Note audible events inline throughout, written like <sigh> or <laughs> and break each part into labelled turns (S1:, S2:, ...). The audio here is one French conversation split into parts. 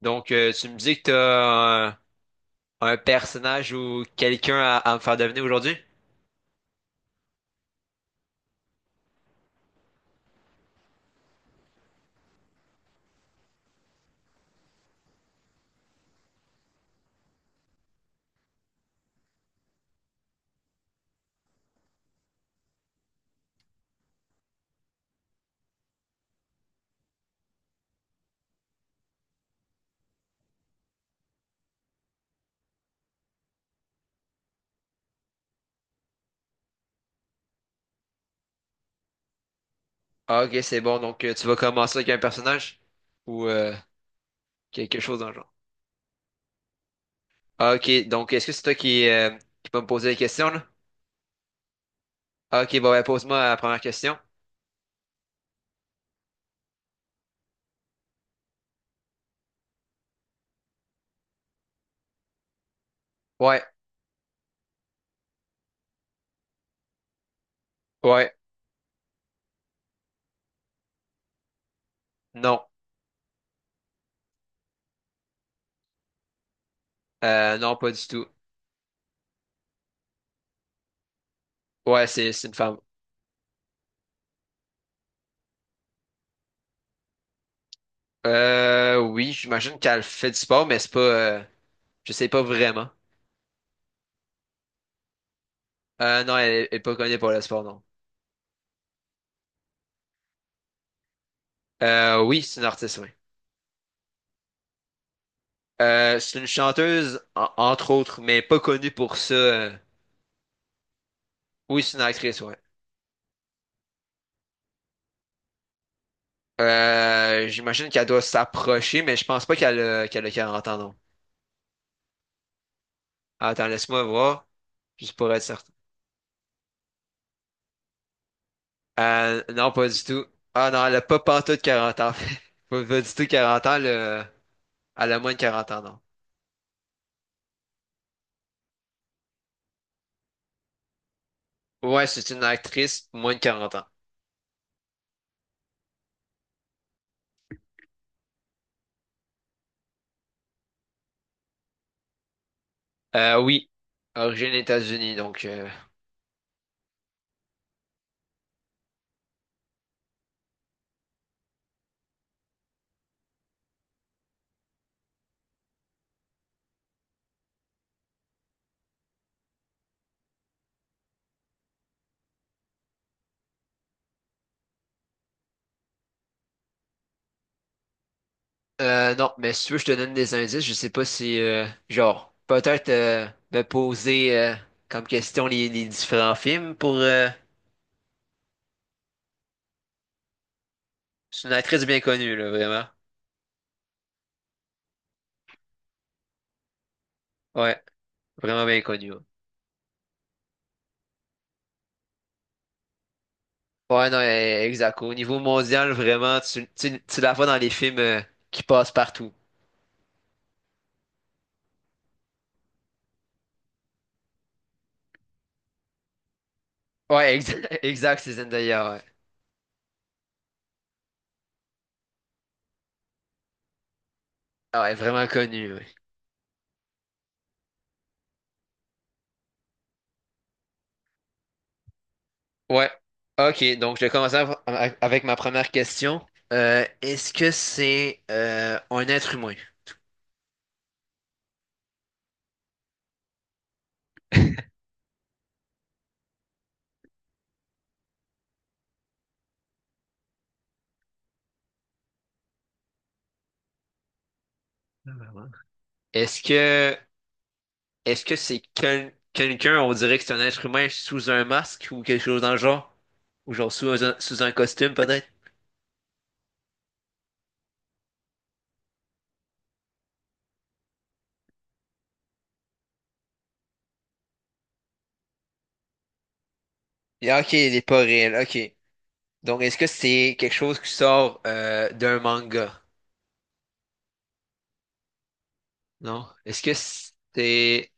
S1: Donc, tu me dis que t'as un personnage ou quelqu'un à me faire deviner aujourd'hui? Ah, ok, c'est bon. Donc, tu vas commencer avec un personnage ou quelque chose dans le genre. Ah, ok, donc est-ce que c'est toi qui vas me poser des questions là? Ah, ok, bon, ben, pose-moi la première question. Ouais, ouais, non. Non, pas du tout. Ouais, c'est une femme. Oui, j'imagine qu'elle fait du sport, mais c'est pas, je sais pas vraiment. Non, elle est pas connue pour le sport, non. Oui, c'est une artiste, oui. C'est une chanteuse, entre autres, mais pas connue pour ça. Oui, c'est une actrice, ouais. J'imagine qu'elle doit s'approcher, mais je pense pas qu'elle a 40 ans, non. Attends, laisse-moi voir, juste pour être certain. Non, pas du tout. Ah, non, elle a pas pantoute 40 ans. <laughs> Pas, pas du tout 40 ans, elle a moins de quarante ans, non. Ouais, c'est une actrice, moins de 40 ans. Oui, origine États-Unis, donc... non, mais si tu veux, je te donne des indices. Je sais pas si, genre, peut-être me poser comme question les différents films pour... c'est une actrice bien connue, là, vraiment. Ouais, vraiment bien connue. Ouais, ouais, non, exact. Au niveau mondial, vraiment, tu la vois dans les films qui passent partout. Ouais, exact, <laughs> exact, c'est Zendaya, ouais. Ah, ouais, vraiment connue, ouais. Ouais. OK, donc je vais commencer avec ma première question. Est-ce que c'est un être humain? Est-ce que est-ce que c'est quelqu'un, on dirait que c'est un être humain sous un masque ou quelque chose dans le genre? Ou genre sous un costume peut-être? Et ok, il n'est pas réel, ok. Donc est-ce que c'est quelque chose qui sort d'un manga? Non? Est-ce que c'est...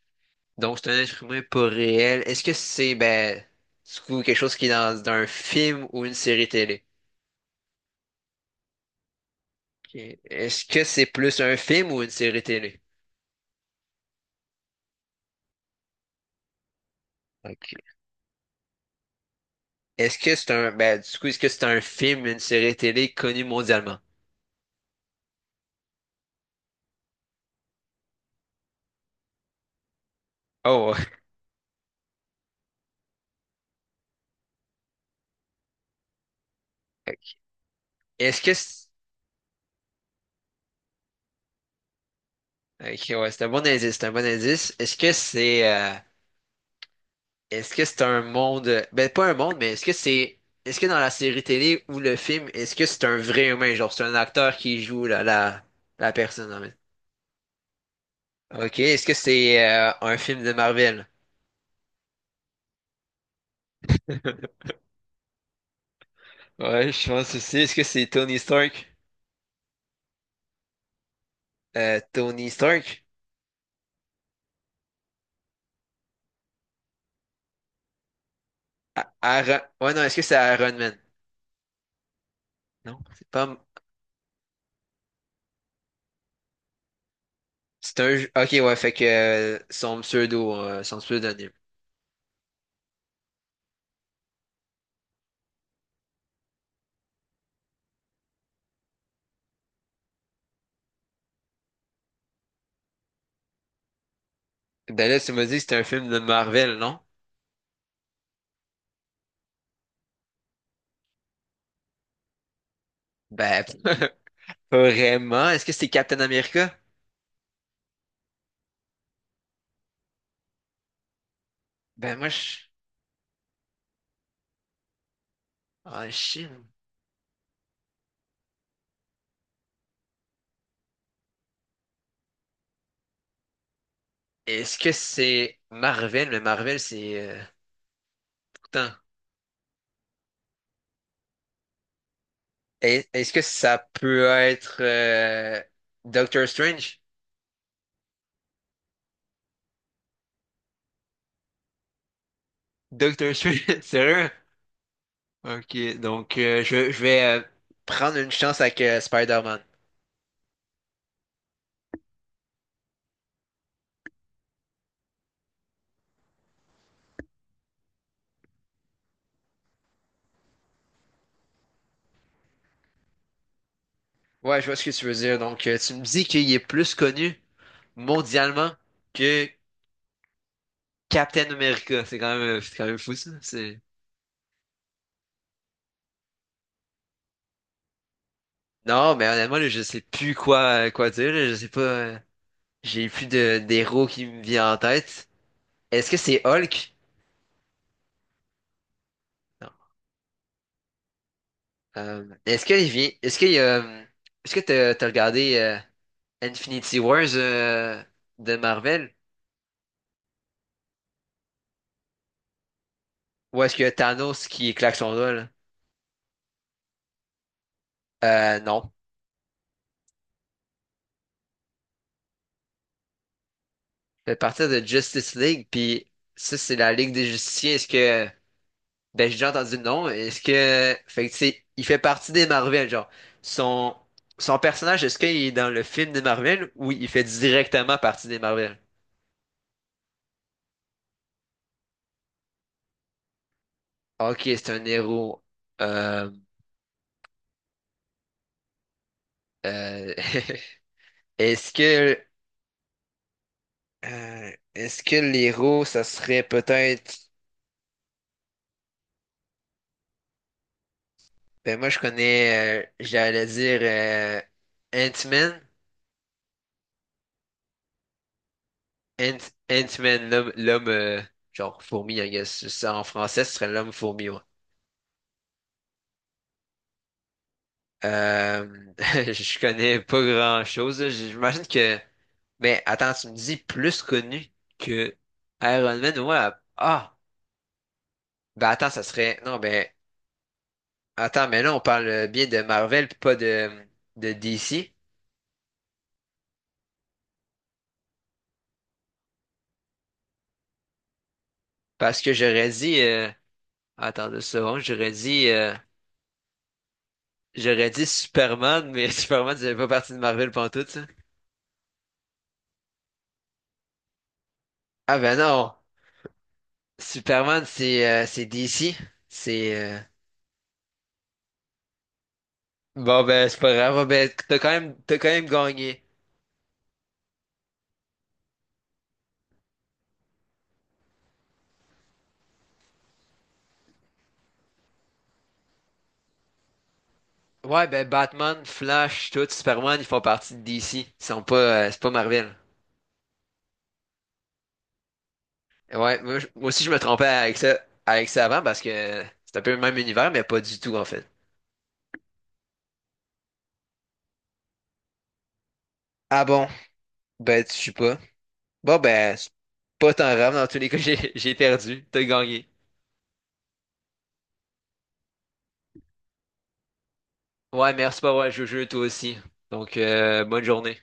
S1: Donc c'est un être humain pas réel. Est-ce que c'est ben du coup, quelque chose qui est dans un film ou une série télé? Ok. Est-ce que c'est plus un film ou une série télé? Ok. Est-ce que c'est un, ben, du coup, est-ce que c'est un film, une série télé connue mondialement? Oh, <laughs> Ok. Est-ce que c'est... Ok, ouais, c'est un bon indice, c'est un bon indice. Est-ce que c'est un monde ben pas un monde, mais est-ce que dans la série télé ou le film, est-ce que c'est un vrai humain, genre c'est un acteur qui joue la personne en fait. Ok, est-ce que c'est un film de Marvel? <laughs> Ouais, je pense aussi. Est-ce que c'est Tony Stark? Tony Stark? Aaron... Ouais, non, est-ce que c'est Iron Man? Non, c'est pas. Ok, ouais, fait que son pseudonyme. Ben là, tu m'as dit que c'est un film de Marvel, non? Ben, <laughs> pas vraiment. Est-ce que c'est Captain America? Ben, moi, je... Ah, Chine. Est-ce que c'est Marvel? Mais Marvel, c'est... Putain. Est-ce que ça peut être Doctor Strange? Doctor Strange, <laughs> sérieux? Ok, donc, je vais prendre une chance avec Spider-Man. Ouais, je vois ce que tu veux dire. Donc, tu me dis qu'il est plus connu mondialement que Captain America. C'est quand même fou, ça. C'est... Non, mais honnêtement, là, je sais plus quoi dire, là. Je sais pas, j'ai plus d'héros qui me vient en tête. Est-ce que c'est Hulk? Non. Est-ce qu'il vient. Est-ce qu'il y a. Est-ce que t'as regardé Infinity Wars de Marvel? Ou est-ce que Thanos qui claque son doigt, là? Non. De partir de Justice League, puis ça, c'est la Ligue des Justiciers. Ben, j'ai déjà entendu le nom. Fait que, tu sais, il fait partie des Marvel, genre, son, son personnage, est-ce qu'il est dans le film des Marvel ou il fait directement partie des Marvel? Ok, c'est un héros. Euh, euh, <laughs> est-ce que, est-ce que l'héros, ça serait peut-être, ben, moi, je connais, j'allais dire, Ant-Man. Ant, Ant-Man, l'homme, genre fourmi, I guess. Ça, en français, ce serait l'homme fourmi, ouais. <laughs> Je connais pas grand-chose, là. J'imagine que... Mais attends, tu me dis plus connu que Iron Man, ouais. Ah! Ben, attends, ça serait... Non, ben... Attends, mais là, on parle bien de Marvel, puis pas de DC. Parce que j'aurais dit... Attends deux secondes, j'aurais dit... J'aurais dit Superman, mais <laughs> Superman, ça fait pas partie de Marvel pantoute, ça. Ah, ben non! Superman, c'est DC. C'est euh, bon, ben c'est pas grave. Bon, ben t'as quand même gagné. Ouais, ben Batman, Flash, tout Superman, ils font partie de DC. Ils sont pas c'est pas Marvel. Ouais, moi, moi aussi je me trompais avec ça avant, parce que c'est un peu le même univers mais pas du tout en fait. Ah, bon, ben tu sais pas. Bon, ben c'est pas tant grave dans tous les cas <laughs> j'ai perdu. T'as gagné. Ouais, merci pour avoir joué au jeu toi aussi. Donc, bonne journée.